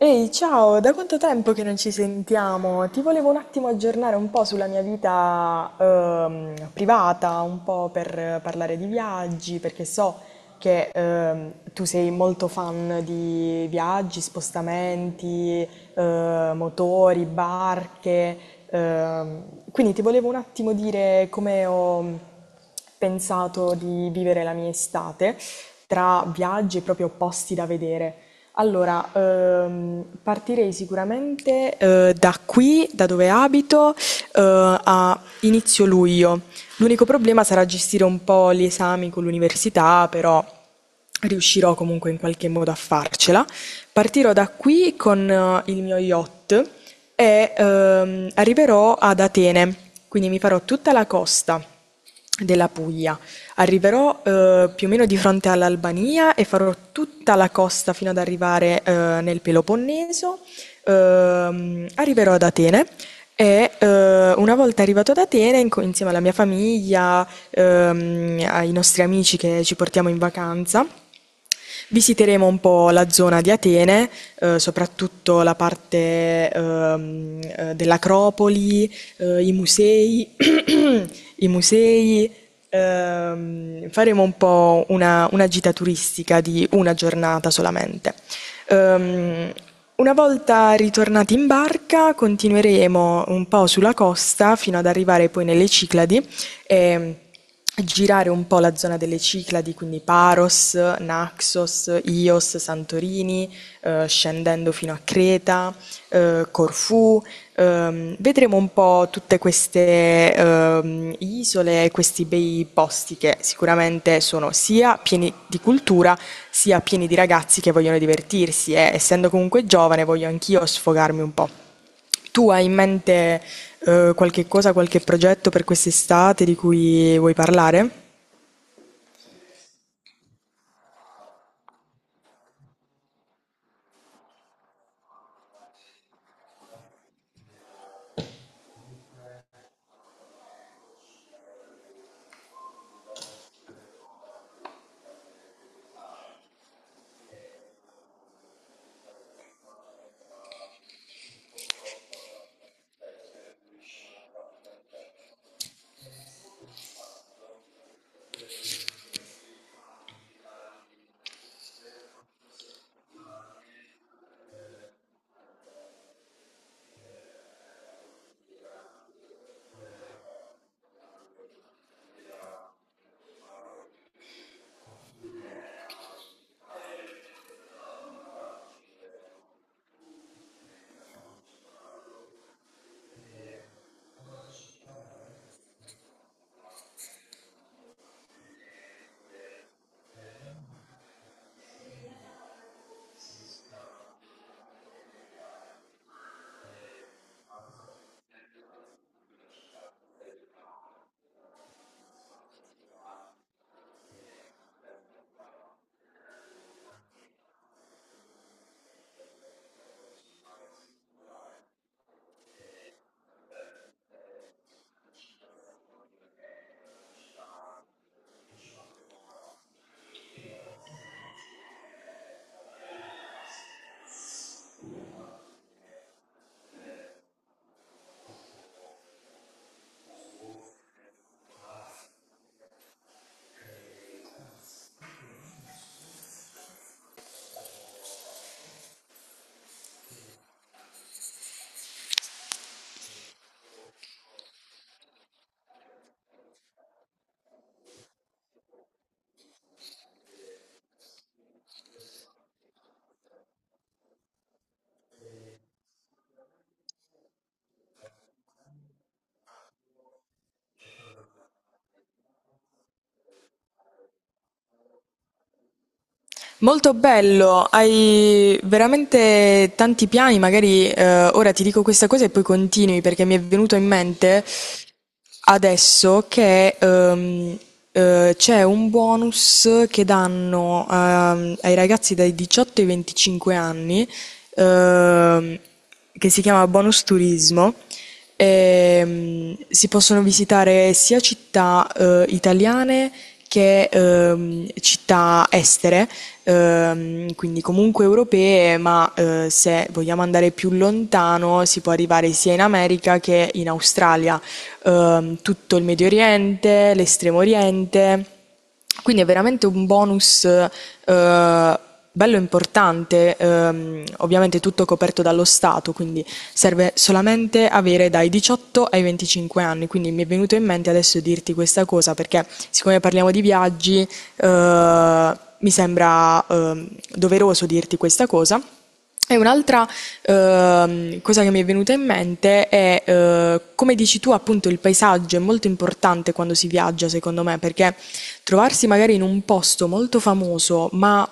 Ehi, ciao, da quanto tempo che non ci sentiamo? Ti volevo un attimo aggiornare un po' sulla mia vita privata, un po' per parlare di viaggi, perché so che tu sei molto fan di viaggi, spostamenti, motori, barche, ehm, quindi ti volevo un attimo dire come ho pensato di vivere la mia estate tra viaggi e proprio posti da vedere. Allora, partirei sicuramente da qui, da dove abito, a inizio luglio. L'unico problema sarà gestire un po' gli esami con l'università, però riuscirò comunque in qualche modo a farcela. Partirò da qui con il mio yacht e arriverò ad Atene, quindi mi farò tutta la costa della Puglia. Arriverò più o meno di fronte all'Albania e farò tutta la costa fino ad arrivare nel Peloponneso. Arriverò ad Atene e una volta arrivato ad Atene, insieme alla mia famiglia, ai nostri amici che ci portiamo in vacanza, visiteremo un po' la zona di Atene, soprattutto la parte dell'Acropoli, i musei, i musei. Faremo un po' una gita turistica di una giornata solamente. Una volta ritornati in barca continueremo un po' sulla costa fino ad arrivare poi nelle Cicladi e girare un po' la zona delle Cicladi, quindi Paros, Naxos, Ios, Santorini, scendendo fino a Creta, Corfù. Vedremo un po' tutte queste isole e questi bei posti che sicuramente sono sia pieni di cultura, sia pieni di ragazzi che vogliono divertirsi, e essendo comunque giovane voglio anch'io sfogarmi un po'. Tu hai in mente qualche cosa, qualche progetto per quest'estate di cui vuoi parlare? Molto bello, hai veramente tanti piani, magari ora ti dico questa cosa e poi continui perché mi è venuto in mente adesso che c'è un bonus che danno ai ragazzi dai 18 ai 25 anni, ehm, che si chiama bonus turismo. Si possono visitare sia città italiane che città estere, quindi comunque europee, ma se vogliamo andare più lontano si può arrivare sia in America che in Australia. Tutto il Medio Oriente, l'Estremo Oriente. Quindi è veramente un bonus bello importante, ovviamente tutto coperto dallo Stato, quindi serve solamente avere dai 18 ai 25 anni. Quindi mi è venuto in mente adesso dirti questa cosa perché siccome parliamo di viaggi, mi sembra doveroso dirti questa cosa. E un'altra cosa che mi è venuta in mente è, come dici tu, appunto, il paesaggio è molto importante quando si viaggia, secondo me, perché trovarsi magari in un posto molto famoso, ma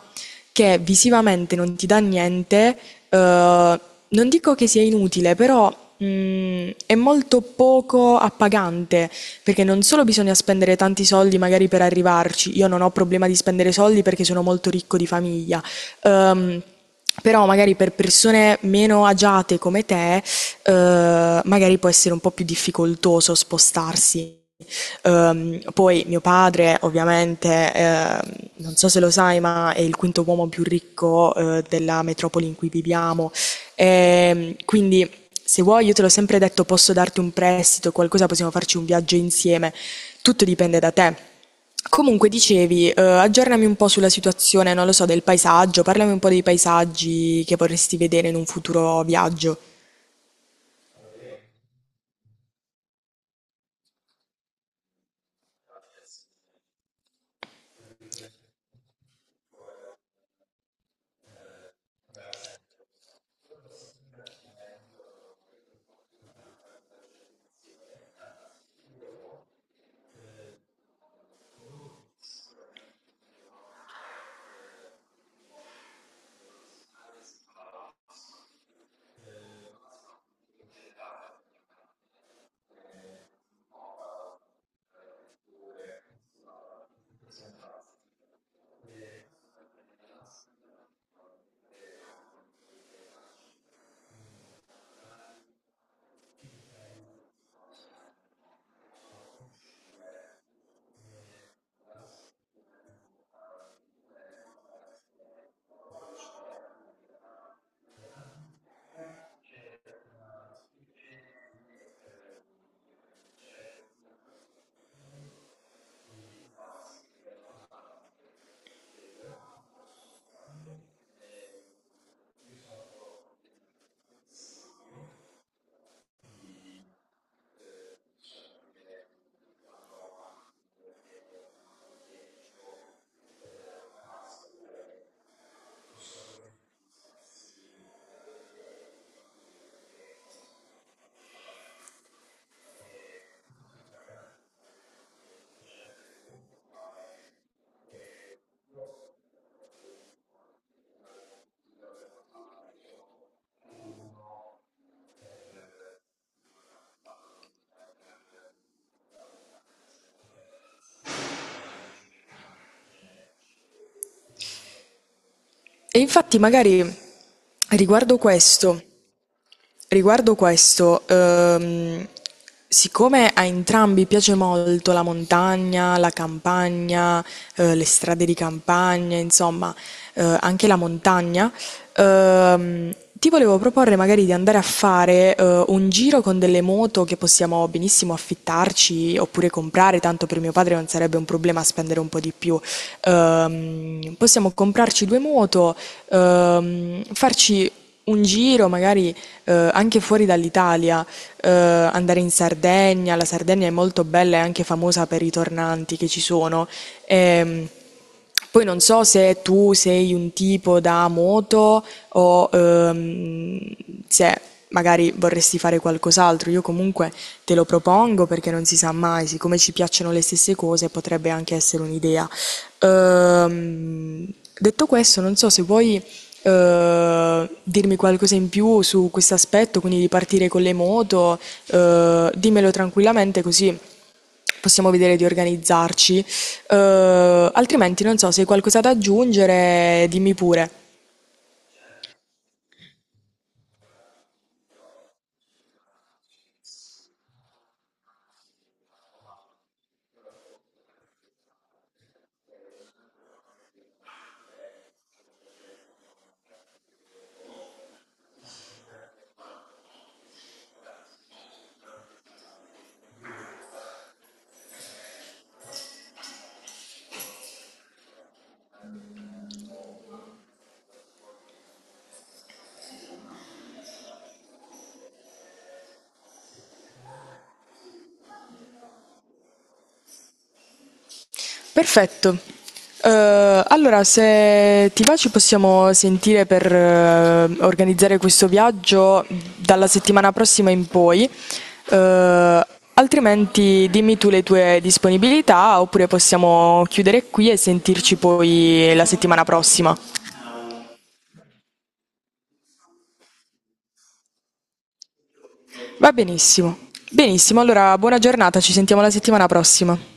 che visivamente non ti dà niente, eh, non dico che sia inutile, però è molto poco appagante, perché non solo bisogna spendere tanti soldi magari per arrivarci, io non ho problema di spendere soldi perché sono molto ricco di famiglia. Ehm, Però magari per persone meno agiate come te, magari può essere un po' più difficoltoso spostarsi. Poi mio padre ovviamente, non so se lo sai, ma è il quinto uomo più ricco, della metropoli in cui viviamo. Quindi se vuoi, io te l'ho sempre detto, posso darti un prestito, qualcosa, possiamo farci un viaggio insieme. Tutto dipende da te. Comunque dicevi, aggiornami un po' sulla situazione, non lo so, del paesaggio, parlami un po' dei paesaggi che vorresti vedere in un futuro viaggio. E infatti magari riguardo questo... Riguardo questo, siccome a entrambi piace molto la montagna, la campagna, le strade di campagna, insomma, anche la montagna, ti volevo proporre magari di andare a fare, un giro con delle moto che possiamo benissimo affittarci oppure comprare, tanto per mio padre non sarebbe un problema spendere un po' di più. Possiamo comprarci 2 moto, farci un giro magari anche fuori dall'Italia, andare in Sardegna, la Sardegna è molto bella e anche famosa per i tornanti che ci sono. Ehm, Poi non so se tu sei un tipo da moto o se magari vorresti fare qualcos'altro. Io comunque te lo propongo perché non si sa mai, siccome ci piacciono le stesse cose, potrebbe anche essere un'idea. Ehm, Detto questo, non so se vuoi dirmi qualcosa in più su questo aspetto, quindi di partire con le moto, dimmelo tranquillamente così possiamo vedere di organizzarci. Altrimenti non so se hai qualcosa da aggiungere, dimmi pure. Perfetto. Allora, se ti va ci possiamo sentire per organizzare questo viaggio dalla settimana prossima in poi. Eh, altrimenti dimmi tu le tue disponibilità oppure possiamo chiudere qui e sentirci poi la settimana prossima. Va benissimo. Benissimo, allora buona giornata, ci sentiamo la settimana prossima.